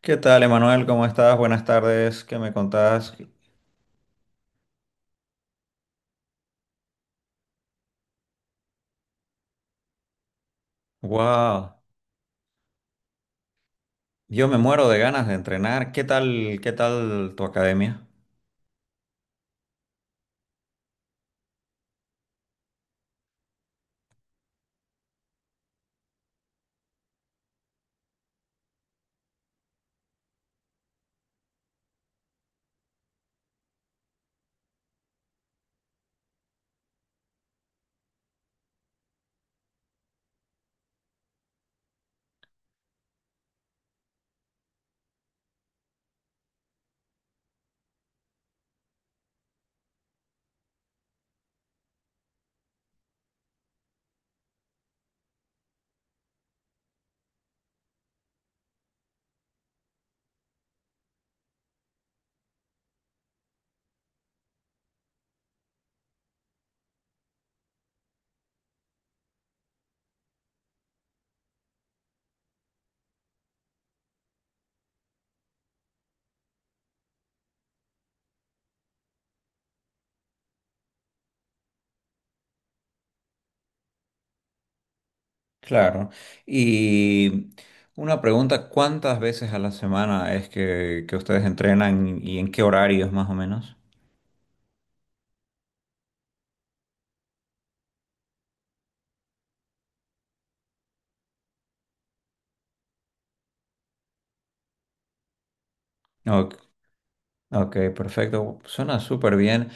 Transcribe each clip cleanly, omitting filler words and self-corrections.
¿Qué tal, Emanuel? ¿Cómo estás? Buenas tardes. ¿Qué me contás? Wow, yo me muero de ganas de entrenar. Qué tal tu academia? Claro. Y una pregunta, ¿cuántas veces a la semana es que ustedes entrenan y en qué horarios más o menos? Ok, perfecto. Suena súper bien.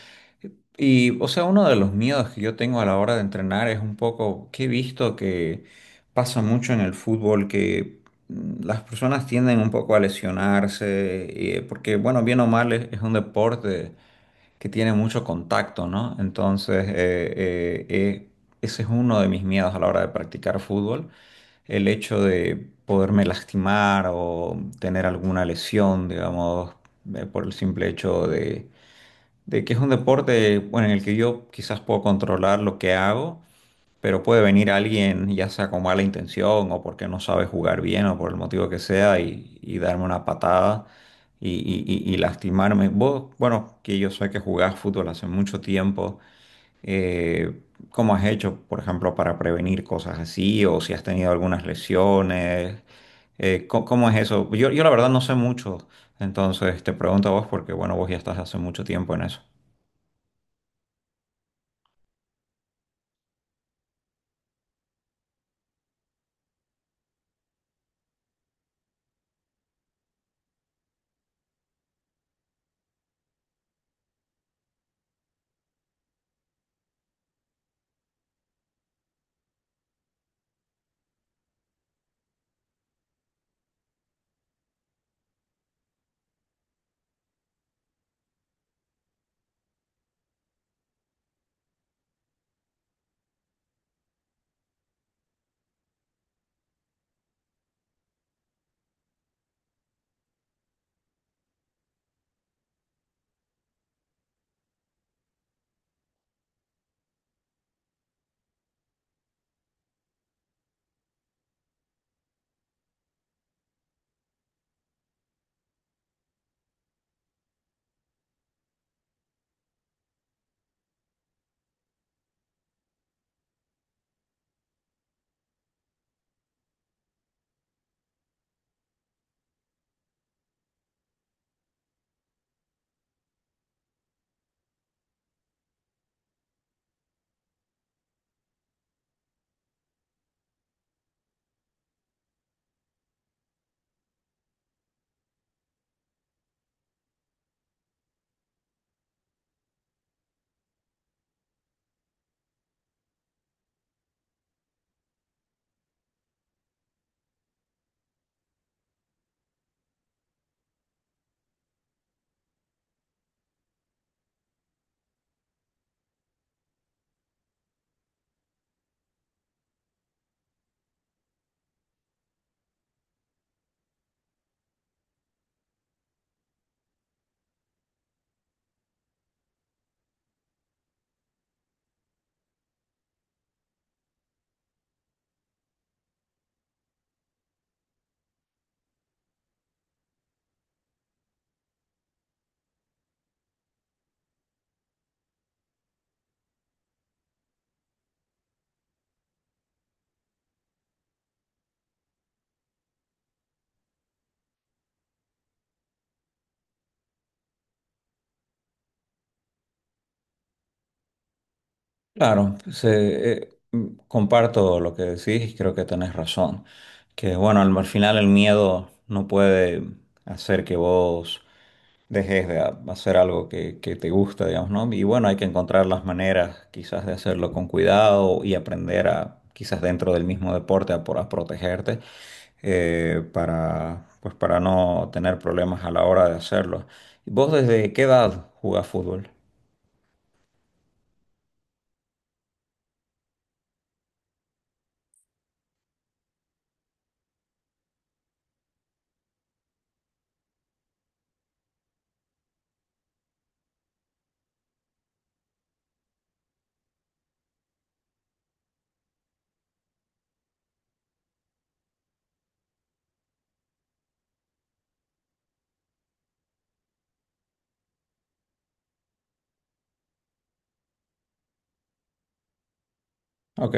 Y, o sea, uno de los miedos que yo tengo a la hora de entrenar es un poco que he visto que pasa mucho en el fútbol, que las personas tienden un poco a lesionarse, porque, bueno, bien o mal es un deporte que tiene mucho contacto, ¿no? Entonces, ese es uno de mis miedos a la hora de practicar fútbol, el hecho de poderme lastimar o tener alguna lesión, digamos, por el simple hecho de que es un deporte, bueno, en el que yo quizás puedo controlar lo que hago, pero puede venir alguien, ya sea con mala intención o porque no sabe jugar bien o por el motivo que sea, y darme una patada y, y- y lastimarme. Vos, bueno, que yo sé que jugás fútbol hace mucho tiempo, eh, ¿cómo has hecho, por ejemplo, para prevenir cosas así? ¿O si has tenido algunas lesiones? ¿Cómo, cómo es eso? Yo la verdad no sé mucho, entonces te pregunto a vos porque, bueno, vos ya estás hace mucho tiempo en eso. Claro, comparto lo que decís, creo que tenés razón. Que bueno, al final el miedo no puede hacer que vos dejes de hacer algo que te gusta, digamos, ¿no? Y bueno, hay que encontrar las maneras quizás de hacerlo con cuidado y aprender a, quizás dentro del mismo deporte, a, a protegerte para, pues, para no tener problemas a la hora de hacerlo. ¿Vos desde qué edad jugás fútbol? Ok.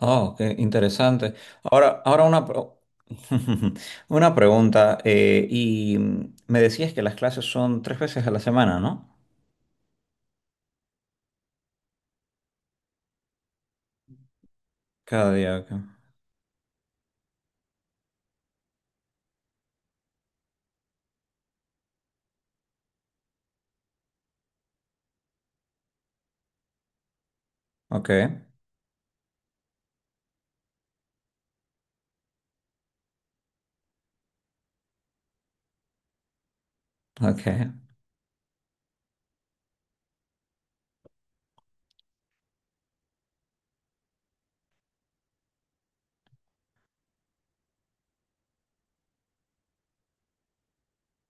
Oh, qué interesante. Ahora una, una pregunta. Eh, y me decías que las clases son tres veces a la semana, ¿no? Cada día, ok. Ok, ok,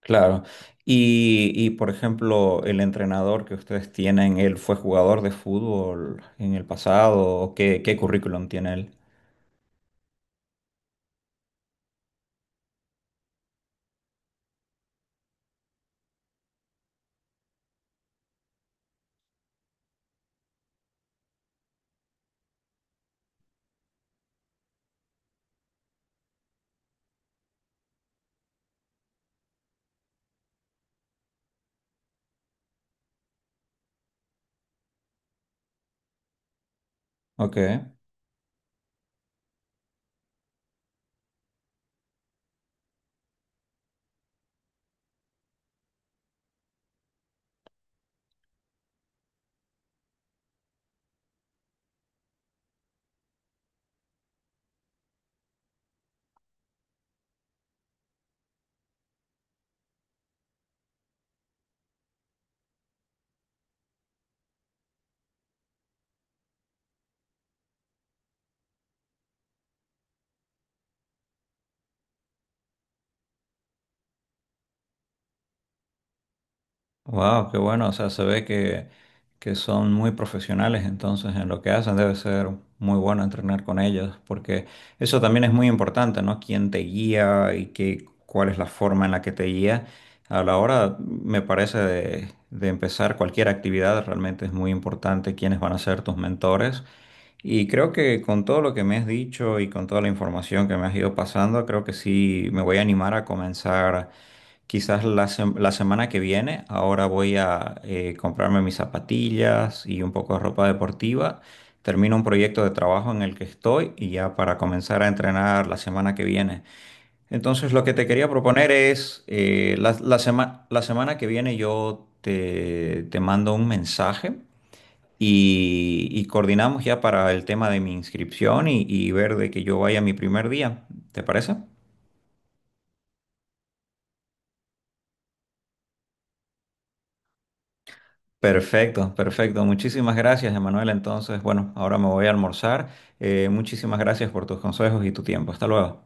claro. Y, por ejemplo, el entrenador que ustedes tienen, ¿él fue jugador de fútbol en el pasado? ¿O qué, qué currículum tiene él? Ok. Wow, qué bueno. O sea, se ve que son muy profesionales entonces en lo que hacen. Debe ser muy bueno entrenar con ellos, porque eso también es muy importante, ¿no? Quién te guía y qué, cuál es la forma en la que te guía. A la hora, me parece, de empezar cualquier actividad, realmente es muy importante quiénes van a ser tus mentores. Y creo que con todo lo que me has dicho y con toda la información que me has ido pasando, creo que sí me voy a animar a comenzar. Quizás la, la semana que viene, ahora voy a comprarme mis zapatillas y un poco de ropa deportiva. Termino un proyecto de trabajo en el que estoy y ya para comenzar a entrenar la semana que viene. Entonces, lo que te quería proponer es, la, la semana que viene yo te mando un mensaje y coordinamos ya para el tema de mi inscripción y ver de que yo vaya mi primer día. ¿Te parece? Perfecto, perfecto. Muchísimas gracias, Emanuel. Entonces, bueno, ahora me voy a almorzar. Muchísimas gracias por tus consejos y tu tiempo. Hasta luego.